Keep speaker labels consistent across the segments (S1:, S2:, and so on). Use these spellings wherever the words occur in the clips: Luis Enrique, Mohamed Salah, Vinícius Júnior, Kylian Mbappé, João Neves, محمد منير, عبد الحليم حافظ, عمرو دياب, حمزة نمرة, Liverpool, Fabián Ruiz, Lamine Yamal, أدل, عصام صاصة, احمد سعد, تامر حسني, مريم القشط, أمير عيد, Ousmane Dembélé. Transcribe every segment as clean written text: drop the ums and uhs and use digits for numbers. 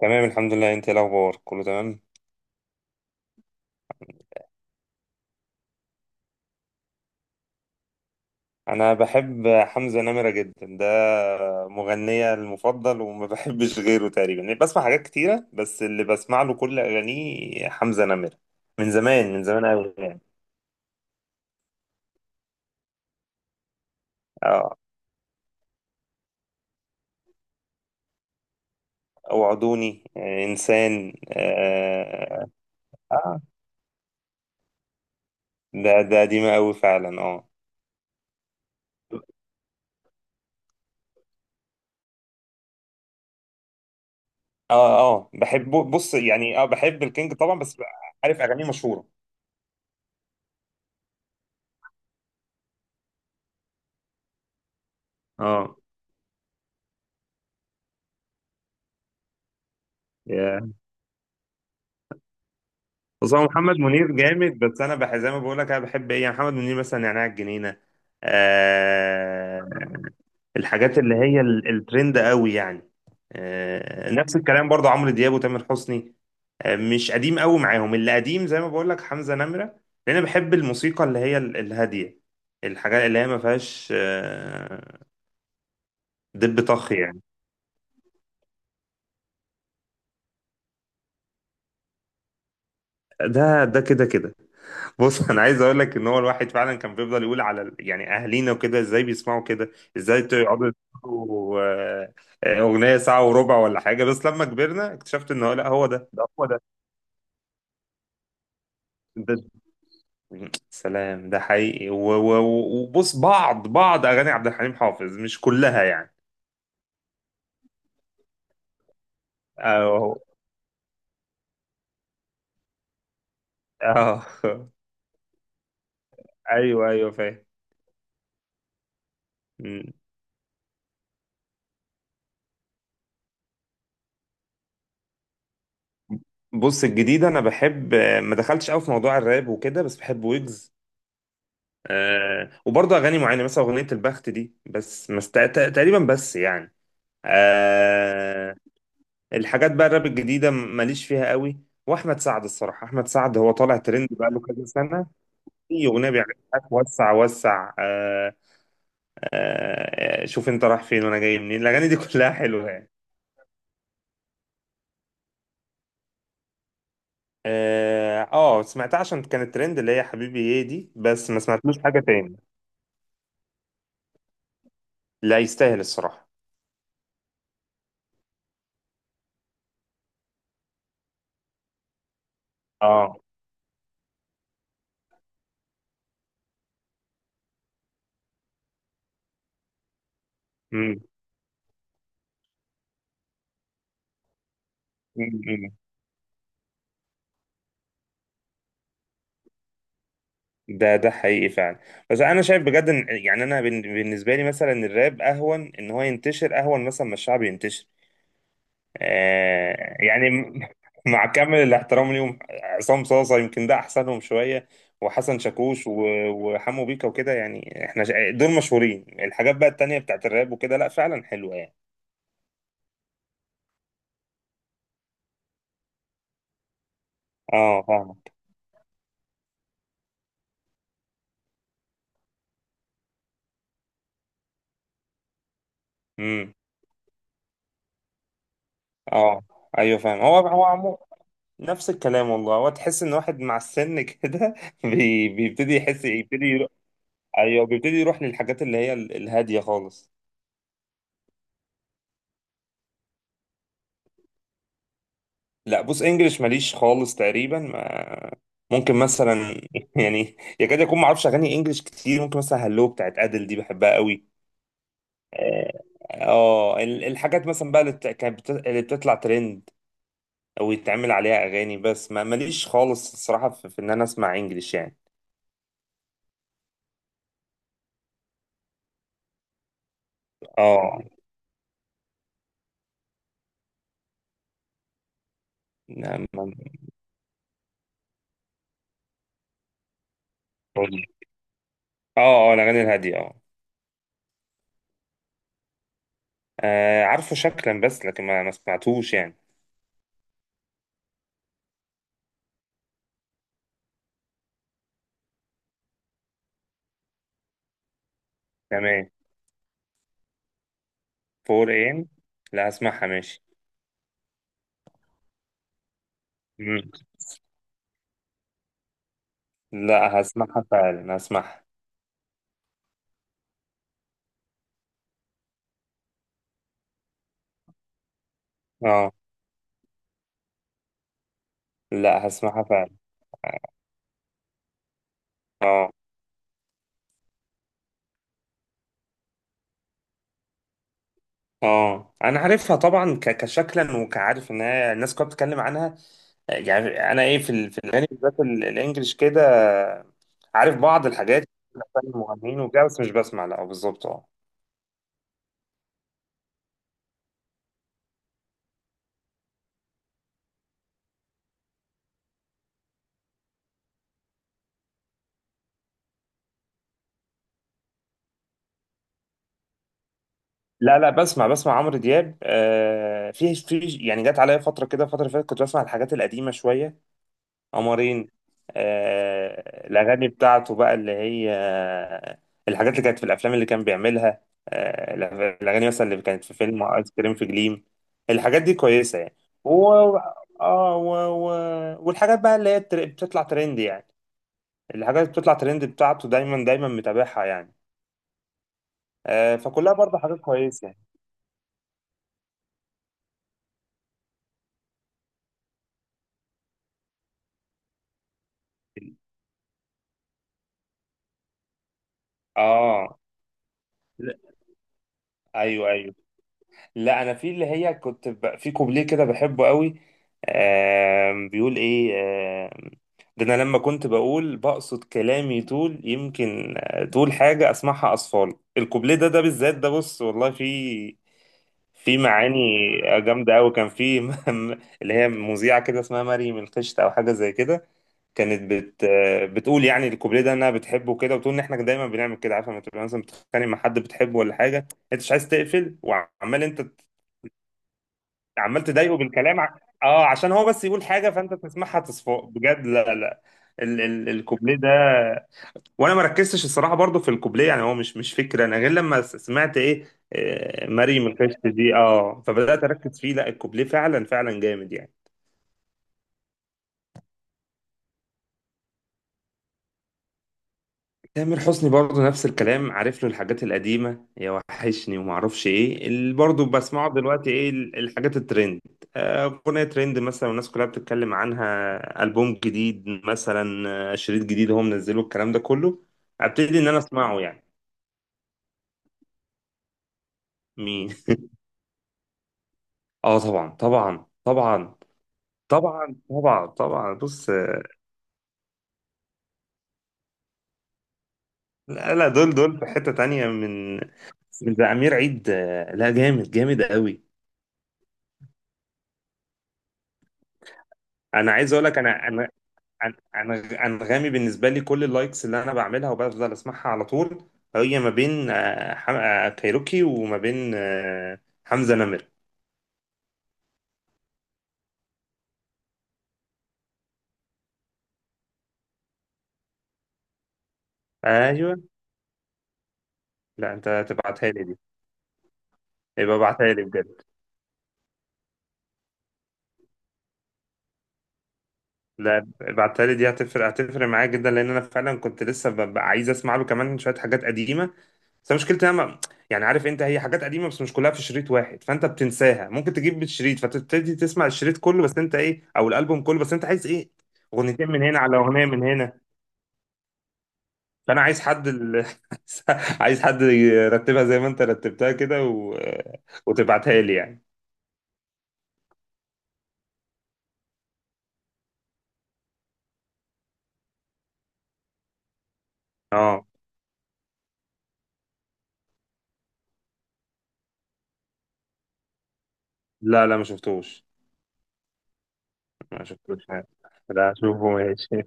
S1: تمام، الحمد لله. انت ايه الاخبار؟ كله تمام؟ انا بحب حمزة نمرة جدا، ده مغنية المفضل وما بحبش غيره تقريبا يعني، بسمع حاجات كتيرة بس اللي بسمع له كل اغانيه حمزة نمرة من زمان من زمان قوي يعني. اه، وعدوني، انسان. اه. آه، ده قديمة قوي فعلا، اه. اه اه، بحبه. بص يعني، بحب الكينج طبعا، بس عارف اغانيه مشهورة. اه، بص هو محمد منير جامد، بس انا زي ما بقول لك، انا بحب ايه يعني؟ محمد منير مثلا نعناع الجنينه، آه، الحاجات اللي هي ال- الترند قوي يعني. نفس الكلام برضه، عمرو دياب وتامر حسني. مش قديم قوي معاهم، اللي قديم زي ما بقول لك حمزه نمره، لان انا بحب الموسيقى اللي هي ال- الهاديه، الحاجات اللي هي ما فيهاش دب طخ يعني. ده ده كده كده. بص، انا عايز اقول لك ان هو الواحد فعلا كان بيفضل يقول على يعني اهالينا وكده ازاي بيسمعوا كده، ازاي يقعدوا يسمعوا اغنيه ساعه وربع ولا حاجه. بس لما كبرنا اكتشفت ان هو لا، هو ده. ده سلام، ده حقيقي وبص، بعض اغاني عبد الحليم حافظ مش كلها يعني. اه، اه ايوه، ايوه فاهم. مم. بص الجديد، انا بحب، ما دخلتش قوي في موضوع الراب وكده بس بحب ويجز، وبرضه اغاني معينه مثلا اغنيه البخت دي، بس تقريبا بس يعني. آه الحاجات بقى الراب الجديده ماليش فيها قوي، واحمد سعد الصراحه، احمد سعد هو طالع ترند بقى له كذا سنه. في اغنيه بيعملها وسع وسع، شوف انت رايح فين وانا جاي منين، الاغاني دي كلها حلوه يعني. اه، سمعتها عشان كانت ترند، اللي هي حبيبي ايه دي، بس ما سمعتلوش حاجه تاني. لا، يستاهل الصراحه. اه. امم ده حقيقي فعلا. بس انا شايف بجد ان يعني، انا بالنسبه لي مثلا الراب اهون ان هو ينتشر، اهون مثلا ما الشعب ينتشر. يعني مع كامل الاحترام ليهم، عصام صاصه يمكن ده احسنهم شويه، وحسن شاكوش وحمو بيكا وكده، يعني احنا دول مشهورين. الحاجات بقى التانيه بتاعت الراب وكده لا فعلا حلوه يعني. اه فاهم. امم. اه، ايوه فاهم. هو عمو، نفس الكلام والله، هو تحس ان واحد مع السن كده بيبتدي يحس، يبتدي. ايوه، بيبتدي يروح للحاجات اللي هي ال- الهاديه خالص. لا، بص، انجلش ماليش خالص تقريبا، ما ممكن مثلا يعني، يكاد يكون ما اعرفش اغاني انجلش كتير. ممكن مثلا هلو بتاعت ادل دي بحبها قوي. اه، ال- الحاجات مثلا بقى اللي بت- كانت بت- اللي بتطلع ترند، او يتعمل عليها اغاني، بس ما ماليش خالص الصراحه في ان انا اسمع انجلش يعني. اه. نعم. اه، اه، الاغاني الهاديه، اه. عارفه شكلا، بس لكن ما سمعتوش يعني. تمام. فور ايه؟ لا، هسمعها ماشي. مم. لا، هسمعها فعلا، هسمعها. اه. لا، هسمعها فعلا. اه. اه، انا عارفها طبعا، كشكلا وكعارف ان هي الناس كلها بتتكلم عنها، يعني انا ايه، في في الاغاني بالذات ال- الانجليش كده، عارف بعض الحاجات، أسامي المغنيين وكده، بس مش بسمع لا بالظبط، اه. لا لا، بسمع، عمرو دياب، في يعني، جت عليا فتره كده، الفتره اللي فاتت كنت بسمع الحاجات القديمه شويه، قمرين، آه، الأغاني بتاعته بقى اللي هي، آه، الحاجات اللي كانت في الأفلام اللي كان بيعملها، آه، الأغاني مثلا اللي كانت في فيلم آيس كريم في جليم، الحاجات دي كويسة يعني. و... آه و... و... والحاجات بقى اللي هي بتطلع ترند يعني، الحاجات اللي بتطلع ترند بتاعته دايما دايما متابعها يعني، آه، فكلها برضه حاجات كويسة يعني. اه، ايوه، ايوه. لا، انا في اللي هي كنت في كوبليه كده بحبه قوي. بيقول ايه؟ آم، ده انا لما كنت بقول بقصد كلامي طول يمكن، طول حاجه اسمعها، اطفال، الكوبليه ده بالذات، ده بص والله في، في معاني جامده قوي. كان في اللي هي مذيعه كده اسمها مريم القشط او حاجه زي كده، كانت بت آه، بتقول يعني الكوبليه ده انها بتحبه كده، وتقول ان احنا دايما بنعمل كده، عارفه لما تبقى مثلا بتتخانق مع حد بتحبه ولا حاجه، انت مش عايز تقفل، وعمال انت عمال تضايقه بالكلام عشان هو بس يقول حاجه، فانت تسمعها، تصفق بجد. لا، لا، ال ال الكوبليه ده، وانا ما ركزتش الصراحه برضو في الكوبليه، يعني هو مش فكره انا، غير لما سمعت ايه، مريم القشط دي، اه، فبدات اركز فيه، لا، الكوبليه فعلا فعلا جامد يعني. تامر حسني برضه نفس الكلام، عارف له الحاجات القديمة، يا وحشني وما اعرفش ايه، اللي برضه بسمعه دلوقتي ايه، ال- الحاجات الترند، آه، أغنية ترند مثلا والناس كلها بتتكلم عنها، ألبوم جديد مثلا، شريط جديد هو منزله، الكلام ده كله ابتدي ان انا اسمعه يعني. مين؟ اه طبعا طبعا طبعا، طبعا طبعا طبعا، بص. لا لا، دول في حتة تانية من، ده أمير عيد، لا، جامد جامد قوي. انا عايز اقول لك، انا انغامي، بالنسبه لي كل اللايكس اللي انا بعملها وبفضل اسمعها على طول، هي ما بين آه، حم... آه، كايروكي وما بين حمزه نمر. ايوه. لا، انت تبعتها لي دي، يبقى ابعتها لي بجد. لا، ابعتها لي دي، هتفرق معايا جدا، لان انا فعلا كنت لسه ببقى عايز اسمع له كمان شويه حاجات قديمه، بس مشكلتي انا يعني عارف انت، هي حاجات قديمه بس مش كلها في شريط واحد، فانت بتنساها، ممكن تجيب بالشريط فتبتدي تسمع الشريط كله، بس انت ايه؟ او الالبوم كله، بس انت عايز ايه؟ اغنيتين من هنا، على اغنيه من هنا. فانا عايز حد عايز حد يرتبها زي ما انت رتبتها كده وتبعتها لي يعني. اه. لا لا، ما شفتوش، ما شفتوش. لا، اشوفه ماشي.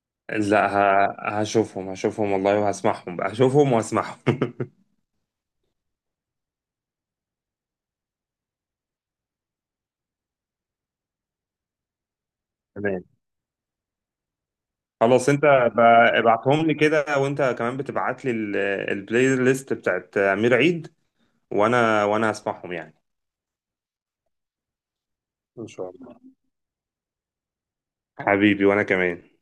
S1: لا، هشوفهم هشوفهم والله، وهسمعهم بقى، هشوفهم وهسمعهم تمام. خلاص، انت، ب- ابعتهم لي كده، وانت كمان بتبعت لي ال- البلاي ليست بتاعت امير عيد، وانا هسمعهم يعني. ان شاء الله، حبيبي. وانا كمان.